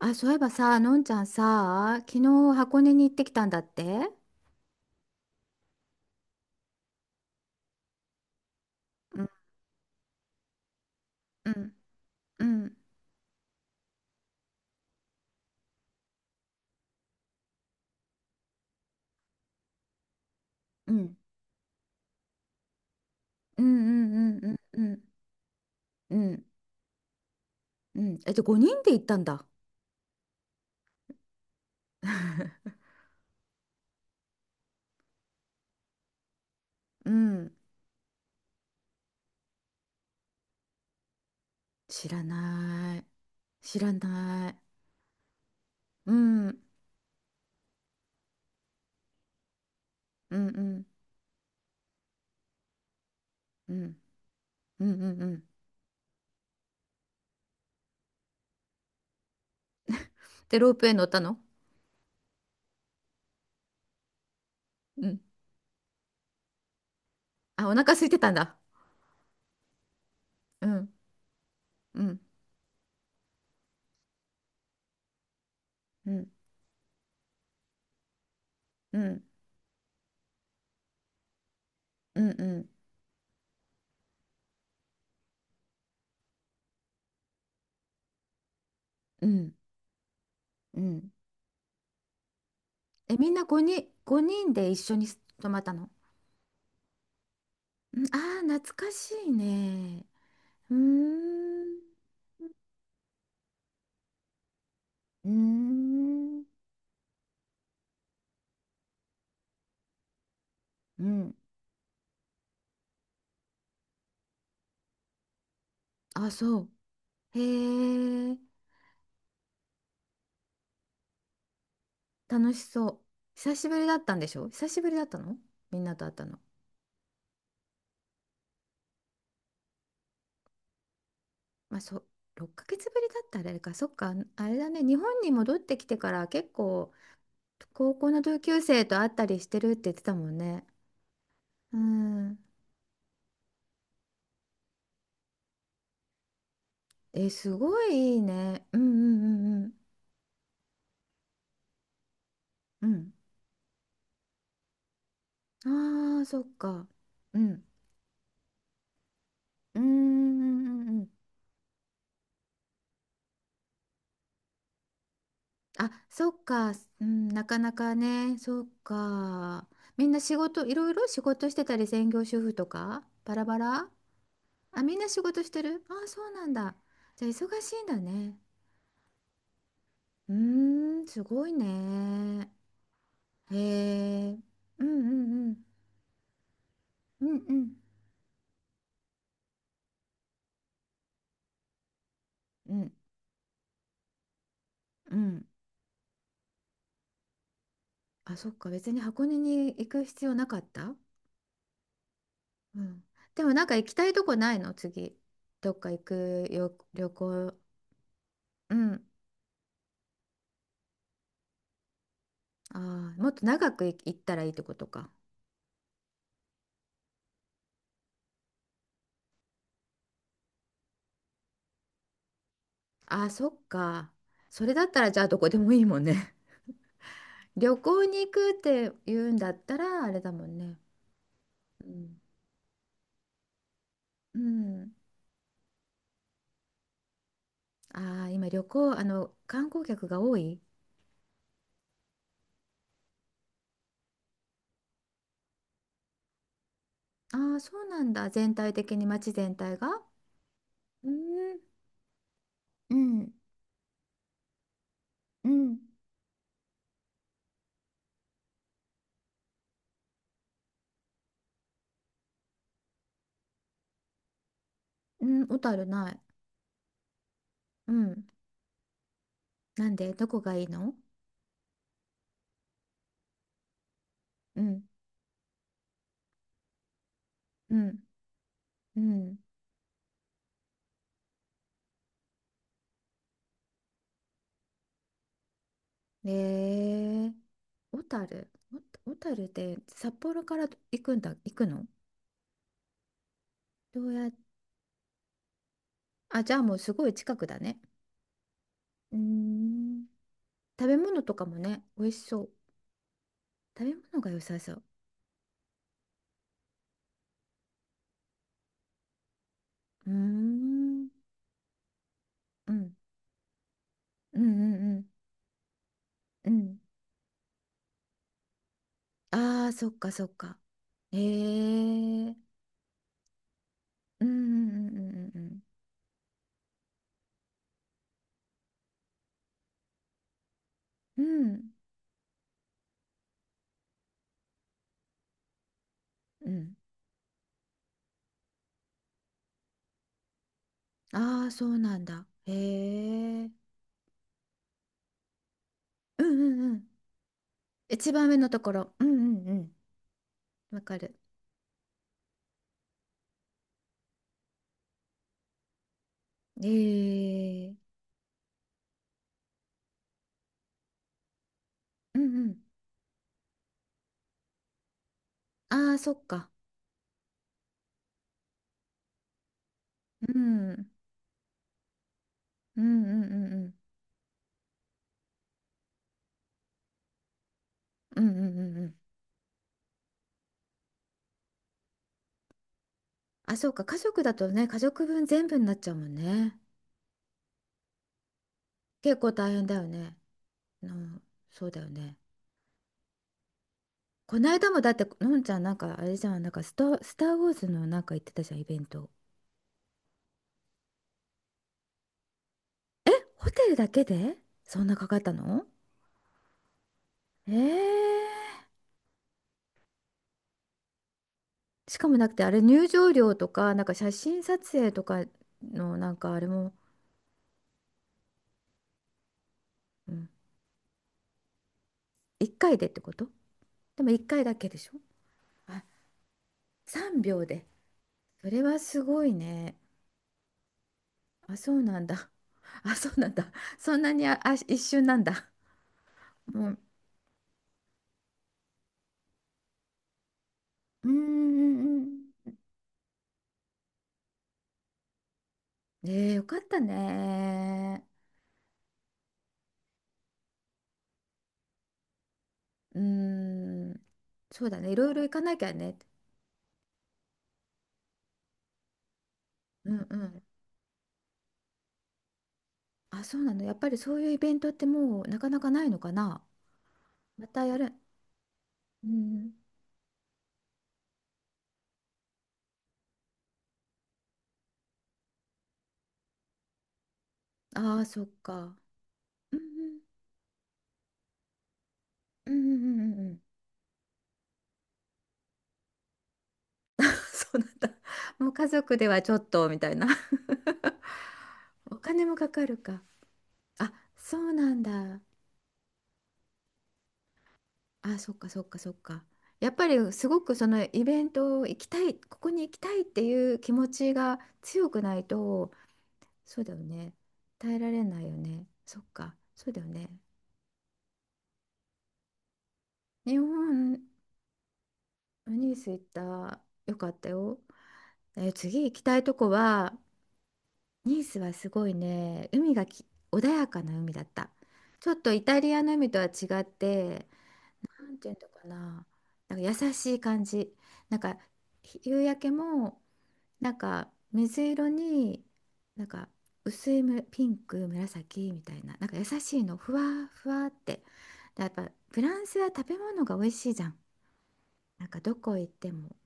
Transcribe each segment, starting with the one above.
あ、そういえばさ、のんちゃんさ、昨日箱根に行ってきたんだって。うんうんうんうんうんうんうんうんうんうん。うん、え、じゃあ5人で行ったんだ。うん。知らない。知らない。うん。うんうんうんうんうんうん。で、ロープウェイ乗ったの？うん。あ、お腹空いてたんだ。うんうんうんうんうんうんうんうん。え、みんな5人、5人で一緒に泊まったの？うん、あー、懐かしいね。うーん。うーん。うん。あ、そう。へえ、楽しそう。久しぶりだったんでしょ？久しぶりだったの？みんなと会ったの？まあ、そう、6ヶ月ぶりだったらあれか。そっか、あれだね。日本に戻ってきてから結構、高校の同級生と会ったりしてるって言ってたもんね。うん。え、すごいいいね。うんうんうんうん。うん。ああ、そっか。うん。うんうんうんうん、あ、そっか、うん、なかなかね、そっか。みんな仕事、いろいろ仕事してたり、専業主婦とか、バラバラ。あ、みんな仕事してる、あ、そうなんだ。じゃあ、忙しいんだね。うーん、すごいね。へえ、うんうんうん、うんうん、うん、うん。あ、そっか、別に箱根に行く必要なかった？うん。でもなんか行きたいとこないの次？どっか行くよ、旅行。うん。ああ、もっと長くい行ったらいいってことか。ああ、そっか。それだったらじゃあどこでもいいもんね。旅行に行くって言うんだったらあれだもんね。うん。うん。ああ、今旅行、あの、観光客が多い。ああ、そうなんだ。全体的に街全体が。うん。うん。うん。うん。小樽ない。うん。なんでどこがいいの？うん。うん。うん。えー、小樽、お小樽って札幌から行くんだ、行くの？どうや、あ、じゃあもうすごい近くだね。うーん、食べ物とかもね、美味しそう。食べ物が良さそう。うーん、うん、うんうんうんうん。ああ、そっかそっか。えー、うんうんうんうんうんうん。うん、うん。ああー、そうなんだ。えー、うんうんうん。一番上のところ。うんうんうん。わかる。ええ、うんうん。ああ、そっか。うん。うんうんうんうん。うんうんうんうん。あ、そうか。家族だとね、家族分全部になっちゃうもんね。結構大変だよね。うん、そうだよね。この間もだって、のんちゃんなんかあれじゃん、なんかスタ、スター・ウォーズのなんか行ってたじゃん、イベント。ホテルだけでそんなかかったの？ええ、しかもなくて、あれ入場料とか、なんか写真撮影とかのなんかあれも、うん、1回でってこと？でも1回だけでしょ？あ、3秒で。それはすごいね。あ、そうなんだ。あ、そうなんだ。そんなに、あ、あ、一瞬なんだ。もう、うーん。ええ、よかったね。うーん。そうだね。いろいろ行かなきゃね。うんうん。あ、そうなの。やっぱりそういうイベントってもうなかなかないのかな。またやる？うん。ああ、そっか。うんうん。ううん、うんうんうん。そうなんだ。もう家族ではちょっとみたいな。お金もかかるか。あ、そうなんだ。あ、そっかそっかそっか。やっぱりすごくそのイベントを行きたい、ここに行きたいっていう気持ちが強くないと、そうだよね。耐えられないよね。そっか、そうだよね。日本、ニース行った。よかったよ。えー次行きたいとこは、ニースはすごいね、海がき、穏やかな海だった。ちょっとイタリアの海とは違って、なんていうのかな、なんか優しい感じ。なんかひ夕焼けもなんか水色になんか薄いむピンク紫みたいな、なんか優しいのふわふわって。でやっぱフランスは食べ物が美味しいじゃん。なんかどこ行っても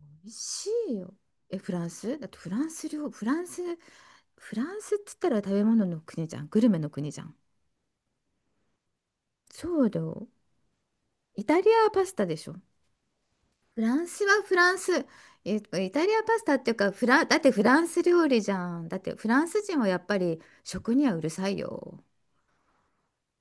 美味しいよ。え、フランスだってフランス料、フランス、フランスっつったら食べ物の国じゃん。グルメの国じゃん。そうだよ。イタリアはパスタでしょ。フランスはフランス、イタリアパスタっていうか、フラン、だってフランス料理じゃん。だってフランス人はやっぱり食にはうるさいよ。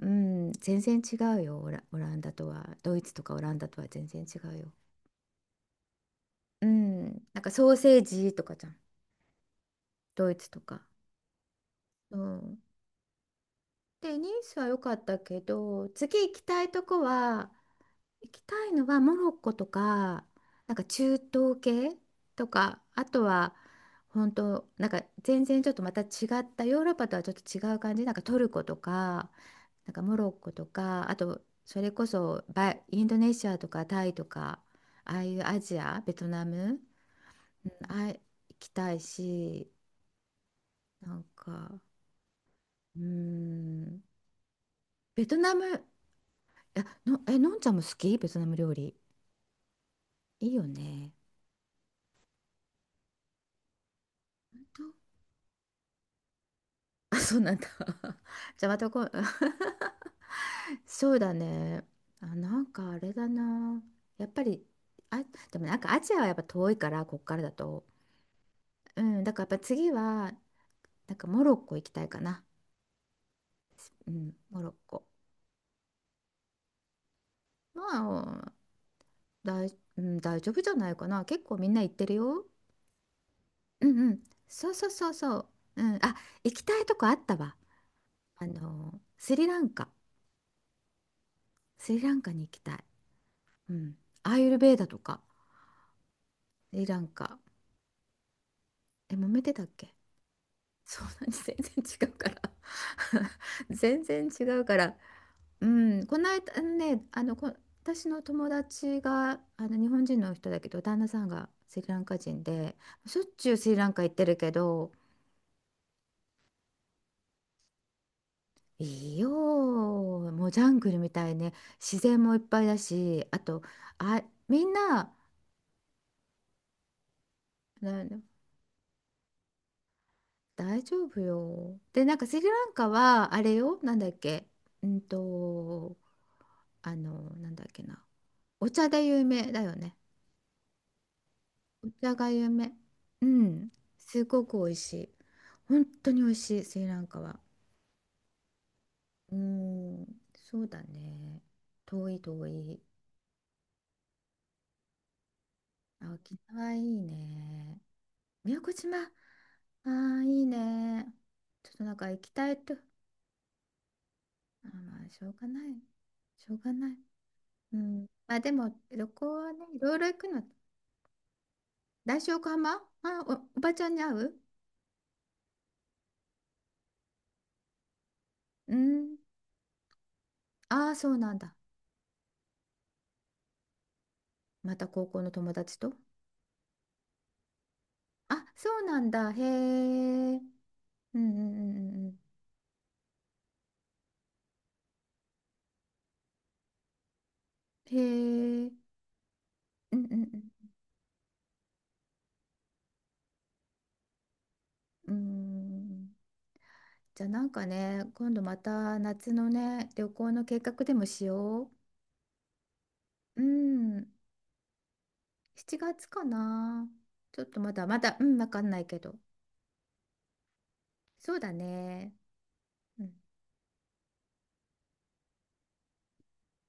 うん、全然違うよ、オラ、オランダとは。ドイツとかオランダとは全然違うよ。うん、なんかソーセージとかじゃん、ドイツとか。うん。で、ニースは良かったけど、次行きたいとこは、行きたいのはモロッコとか、なんか中東系とか、あとは本当、なんか全然ちょっとまた違ったヨーロッパとはちょっと違う感じ、なんかトルコとか、なんかモロッコとか、あとそれこそバインドネシアとかタイとか、ああいうアジア、ベトナム、うん、あ、行きたいし、なんか、うーん、ベトナム、え、の、え、のんちゃんも好きベトナム料理。いいよね。あ、そうなんだ。じゃあまたこう、そうだね。あ、なんかあれだな。やっぱり、あ、でもなんかアジアはやっぱ遠いから、こっからだと。うん、だからやっぱ次は、なんかモロッコ行きたいかな。うん、モロッコ。まあ、大、うん、大丈夫じゃないかな。結構みんな行ってるよ。うんうん。そうそうそうそう。うん、あ、行きたいとこあったわ。あの、スリランカ。スリランカに行きたい。うん。アーユルヴェーダとか、スリランカ。え、揉めてたっけ？そうなんです。全然違うから。 全然違うから。うん、この間あのね、あの、こ、私の友達が、あの、日本人の人だけど、旦那さんがスリランカ人で、しょっちゅうスリランカ行ってるけど、いいよ、もうジャングルみたいね、自然もいっぱいだし、あと、あ、みんな、な大丈夫よ。で、なんかスリランカは、あれよ、なんだっけ、うんと、あの、なんだっけな、お茶で有名だよね。お茶が有名。うん。すごく美味しい。本当に美味しい、スリランカは。うん。そうだね。遠い遠い。あ、沖縄いいね。宮古島。ああ、いいね。ちょっとなんか行きたいと。あ、まあ、しょうがない。しょうがない。うん。まあでも、旅行はね、いろいろ行くの。来週横浜、あ、お、おばちゃんに会う？うん。ああ、そうなんだ。また高校の友達と？あ、そうなんだ。へえ。うんうんうんうん。へえ。うんうんうん。うん。じゃあなんかね、今度また夏のね、旅行の計画でもしよう。うん。7月かな。ちょっとまだまだ、うん、わかんないけど。そうだね。うん